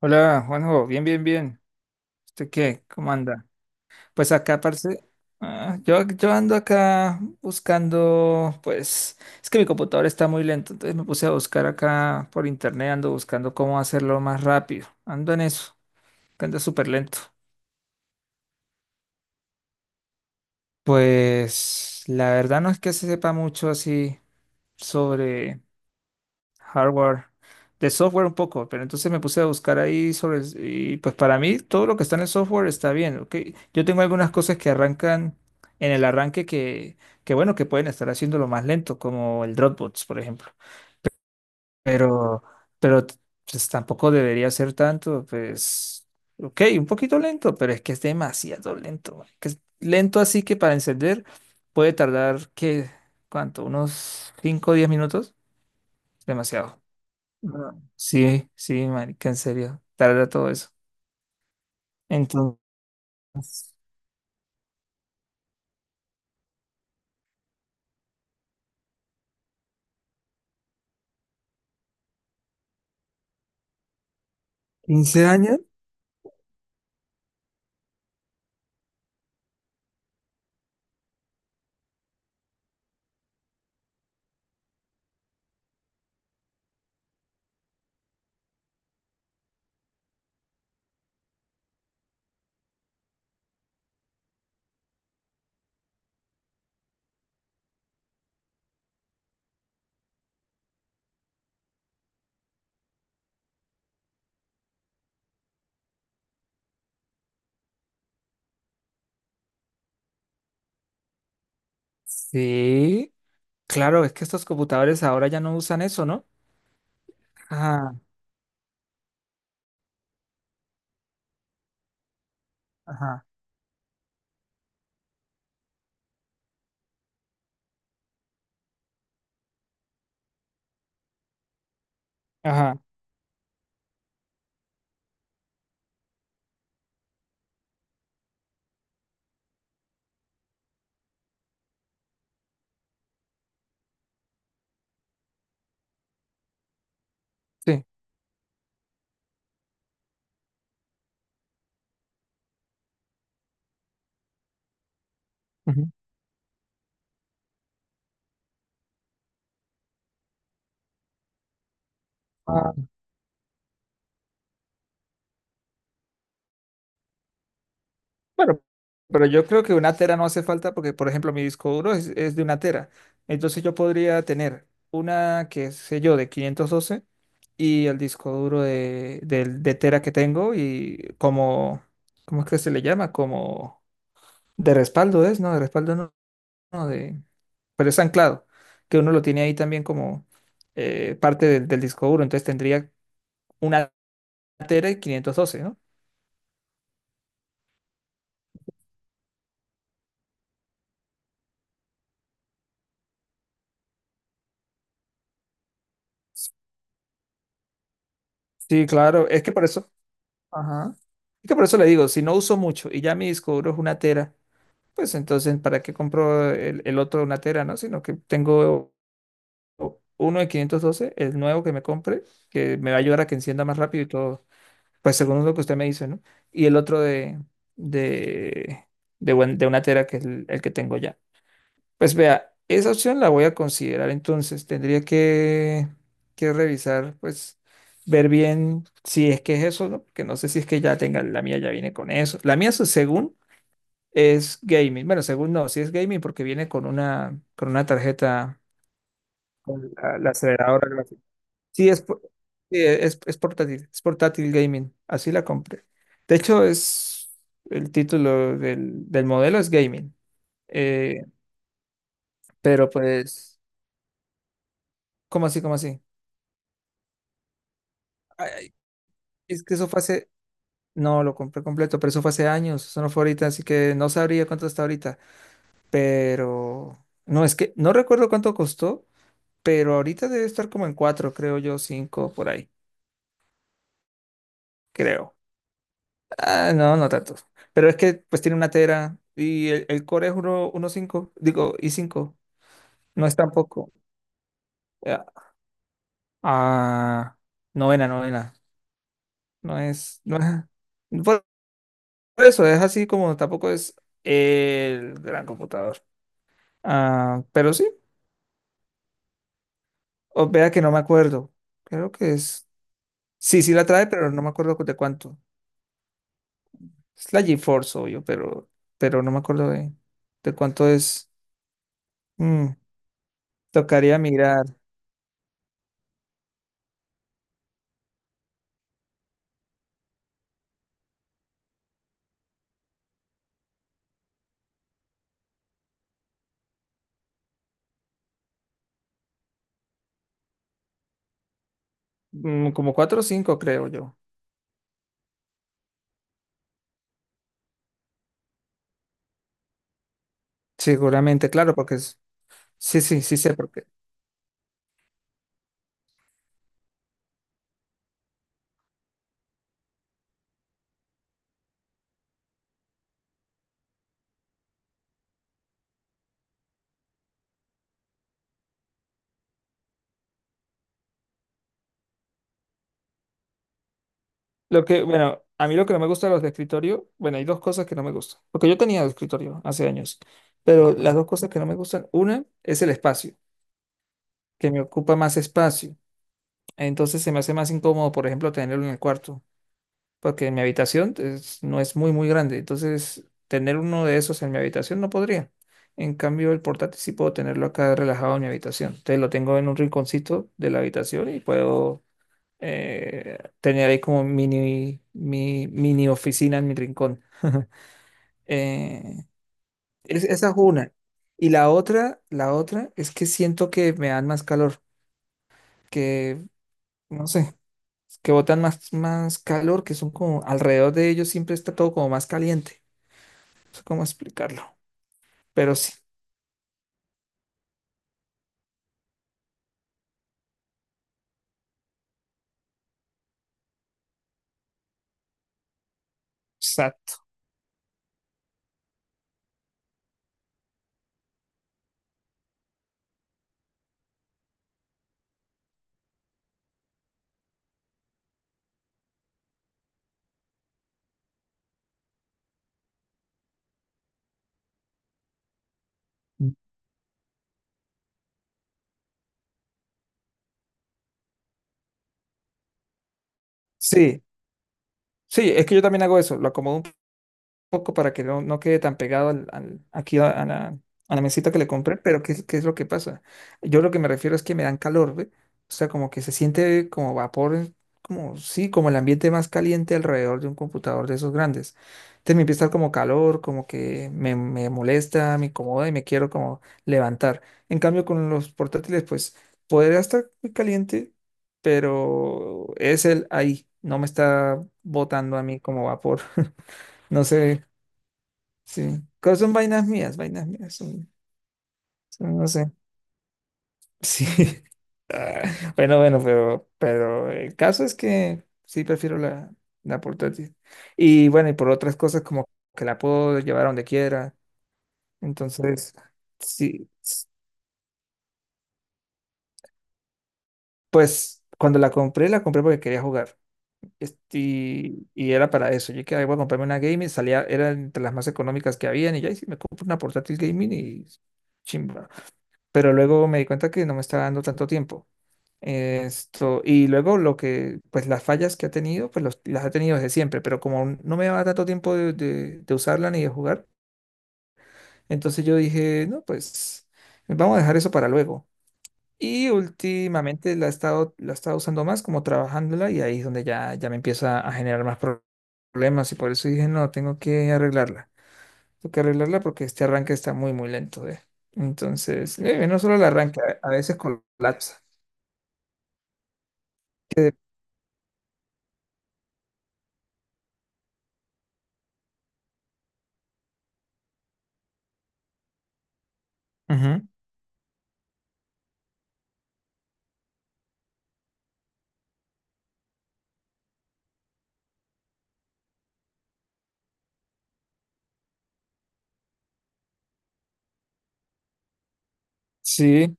Hola, Juanjo, bien, bien, bien. ¿Usted qué? ¿Cómo anda? Pues acá, parece, yo ando acá buscando, pues, es que mi computador está muy lento, entonces me puse a buscar acá por internet, ando buscando cómo hacerlo más rápido. Ando en eso, que anda súper lento. Pues, la verdad no es que se sepa mucho así sobre hardware. De software un poco, pero entonces me puse a buscar ahí sobre. Y pues para mí todo lo que está en el software está bien, ¿ok? Yo tengo algunas cosas que arrancan en el arranque que bueno, que pueden estar haciéndolo más lento, como el Dropbox, por ejemplo. Pero, pero t- pues, tampoco debería ser tanto, pues, ok, un poquito lento, pero es que es demasiado lento. Güey, que es lento así que para encender puede tardar, ¿qué? ¿Cuánto? ¿Unos 5 o 10 minutos? Demasiado. No, sí, sí, marica, en serio, tarda todo eso. Entonces, ¿15 años? Sí, claro, es que estos computadores ahora ya no usan eso, ¿no? Ajá, ajá, ajá, sí. Ujú. Ah, bueno, pero yo creo que una tera no hace falta porque, por ejemplo, mi disco duro es de una tera. Entonces yo podría tener una, que sé yo, de 512 y el disco duro de tera que tengo y como, ¿cómo es que se le llama? Como... De respaldo es, ¿no? De respaldo no, no, de, pero es anclado, que uno lo tiene ahí también como parte del disco duro, entonces tendría una tera y 512, ¿no? Sí, claro, es que por eso, ajá. Es que por eso le digo, si no uso mucho y ya mi disco duro es una tera, pues entonces ¿para qué compro el otro de una tera, no? Sino que tengo uno de 512, el nuevo que me compre, que me va a ayudar a que encienda más rápido y todo. Pues según lo que usted me dice, ¿no? Y el otro de, de de una tera, que es el que tengo ya. Pues vea, esa opción la voy a considerar. Entonces, tendría que revisar, pues, ver bien si es que es eso, ¿no? Porque no sé si es que ya tenga, la mía ya viene con eso. La mía, según, es gaming. Bueno, según no, sí es gaming porque viene con una tarjeta, con la aceleradora. Sí, sí, es portátil gaming, así la compré. De hecho, es el título del modelo es gaming, eh, pero pues, ¿cómo así, cómo así? Ay, es que eso fue hace, no, lo compré completo, pero eso fue hace años, eso no fue ahorita, así que no sabría cuánto está ahorita, pero no, es que no recuerdo cuánto costó, pero ahorita debe estar como en cuatro, creo yo, cinco, por ahí, creo. Ah, no, no tanto. Pero es que pues tiene una tera y el core es uno uno cinco, digo, i cinco. No es tampoco. eh, Ah, novena, novena. No es, no es- Por por eso es así como tampoco es el gran computador. Ah, pero sí, o vea que no me acuerdo. Creo que es. Sí, sí la trae, pero no me acuerdo de cuánto. Es la GeForce, obvio, pero no me acuerdo de cuánto es. Mm, tocaría mirar. Mm, como cuatro o cinco, creo yo. Seguramente, claro, porque es... Sí, sí, sí sé por qué. Lo que, bueno, a mí lo que no me gusta de los de escritorio, bueno, hay dos cosas que no me gustan, porque yo tenía de escritorio hace años, pero las dos cosas que no me gustan, una es el espacio, que me ocupa más espacio, entonces se me hace más incómodo, por ejemplo, tenerlo en el cuarto. Porque mi habitación no es muy, muy grande. Entonces, tener uno de esos en mi habitación no podría. En cambio, el portátil sí puedo tenerlo acá relajado en mi habitación. Entonces, lo tengo en un rinconcito de la habitación y puedo tener ahí como mini oficina en mi rincón. Eh, esa es una. Y la otra es que siento que me dan más calor, que no sé, que botan más, más calor, que son como alrededor de ellos siempre está todo como más caliente. Sé cómo explicarlo, pero sí, exacto. Sí, sí, es que yo también hago eso, lo acomodo un poco para que no, no quede tan pegado aquí a la mesita que le compré, pero ¿qué, qué es lo que pasa? Yo lo que me refiero es que me dan calor, ¿ve? O sea, como que se siente como vapor, como sí, como el ambiente más caliente alrededor de un computador de esos grandes. Entonces me empieza a dar como calor, como que me molesta, me incomoda y me quiero como levantar. En cambio, con los portátiles, pues podría estar muy caliente, pero es el ahí, no me está botando a mí como vapor. No sé. Sí, pero son vainas mías, son, no sé. Sí, bueno, bueno, pero el caso es que sí prefiero la, la portátil. Y bueno, y por otras cosas como que la puedo llevar a donde quiera. Entonces, sí, s- pues cuando la compré porque quería jugar. Este, y era para eso. Yo que voy a comprarme una gaming, salía, era entre las más económicas que habían y ya, y sí, me compro una portátil gaming y chimba. Pero luego me di cuenta que no me estaba dando tanto tiempo. Esto, y luego lo que, pues las fallas que ha tenido, pues las ha tenido desde siempre, pero como no me daba tanto tiempo de usarla ni de jugar, entonces yo dije, no, pues vamos a dejar eso para luego. Y últimamente la he estado usando más como trabajándola y ahí es donde ya, ya me empieza a generar más problemas y por eso dije, no, tengo que arreglarla. Toca arreglarla porque este arranque está muy, muy lento, ¿eh? Entonces, no solo el arranque, a veces colapsa. Que- Ujú. Sí,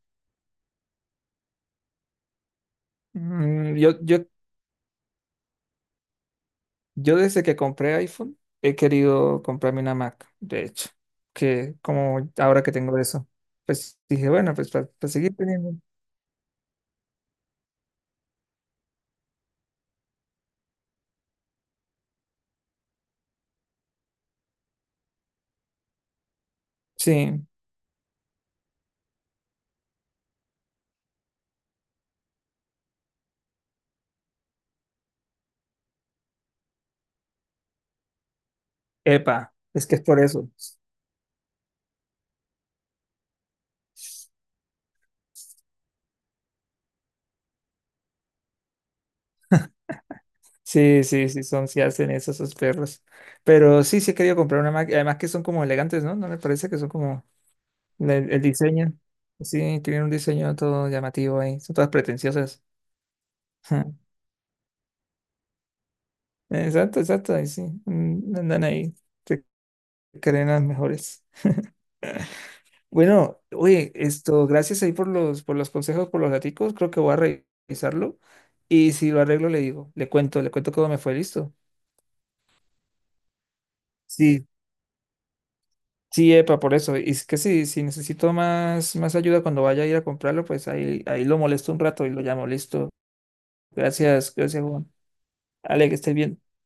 mm, yo desde que compré iPhone he querido comprarme una Mac, de hecho, que como ahora que tengo eso, pues dije, bueno, pues para seguir teniendo. Sí, epa, es que es por eso. Sí, sí, sí, son, sí hacen eso esos perros. Pero sí, sí he querido comprar una Mac, y además que son como elegantes, ¿no? No me parece que son como... El diseño, sí, tienen un diseño todo llamativo ahí, son todas pretenciosas. Ja. Exacto, exacto, ahí sí, mm, andan ahí, se creen las mejores. Bueno, oye, esto, gracias ahí por los consejos, por los daticos, creo que voy a revisarlo y si lo arreglo le digo, le cuento cómo me fue, listo. Sí, sí, epa, por eso, y es que sí, si necesito más, más ayuda cuando vaya a ir a comprarlo, pues ahí, ahí lo molesto un rato y lo llamo, listo. Gracias, gracias Juan. Ale, que estés bien.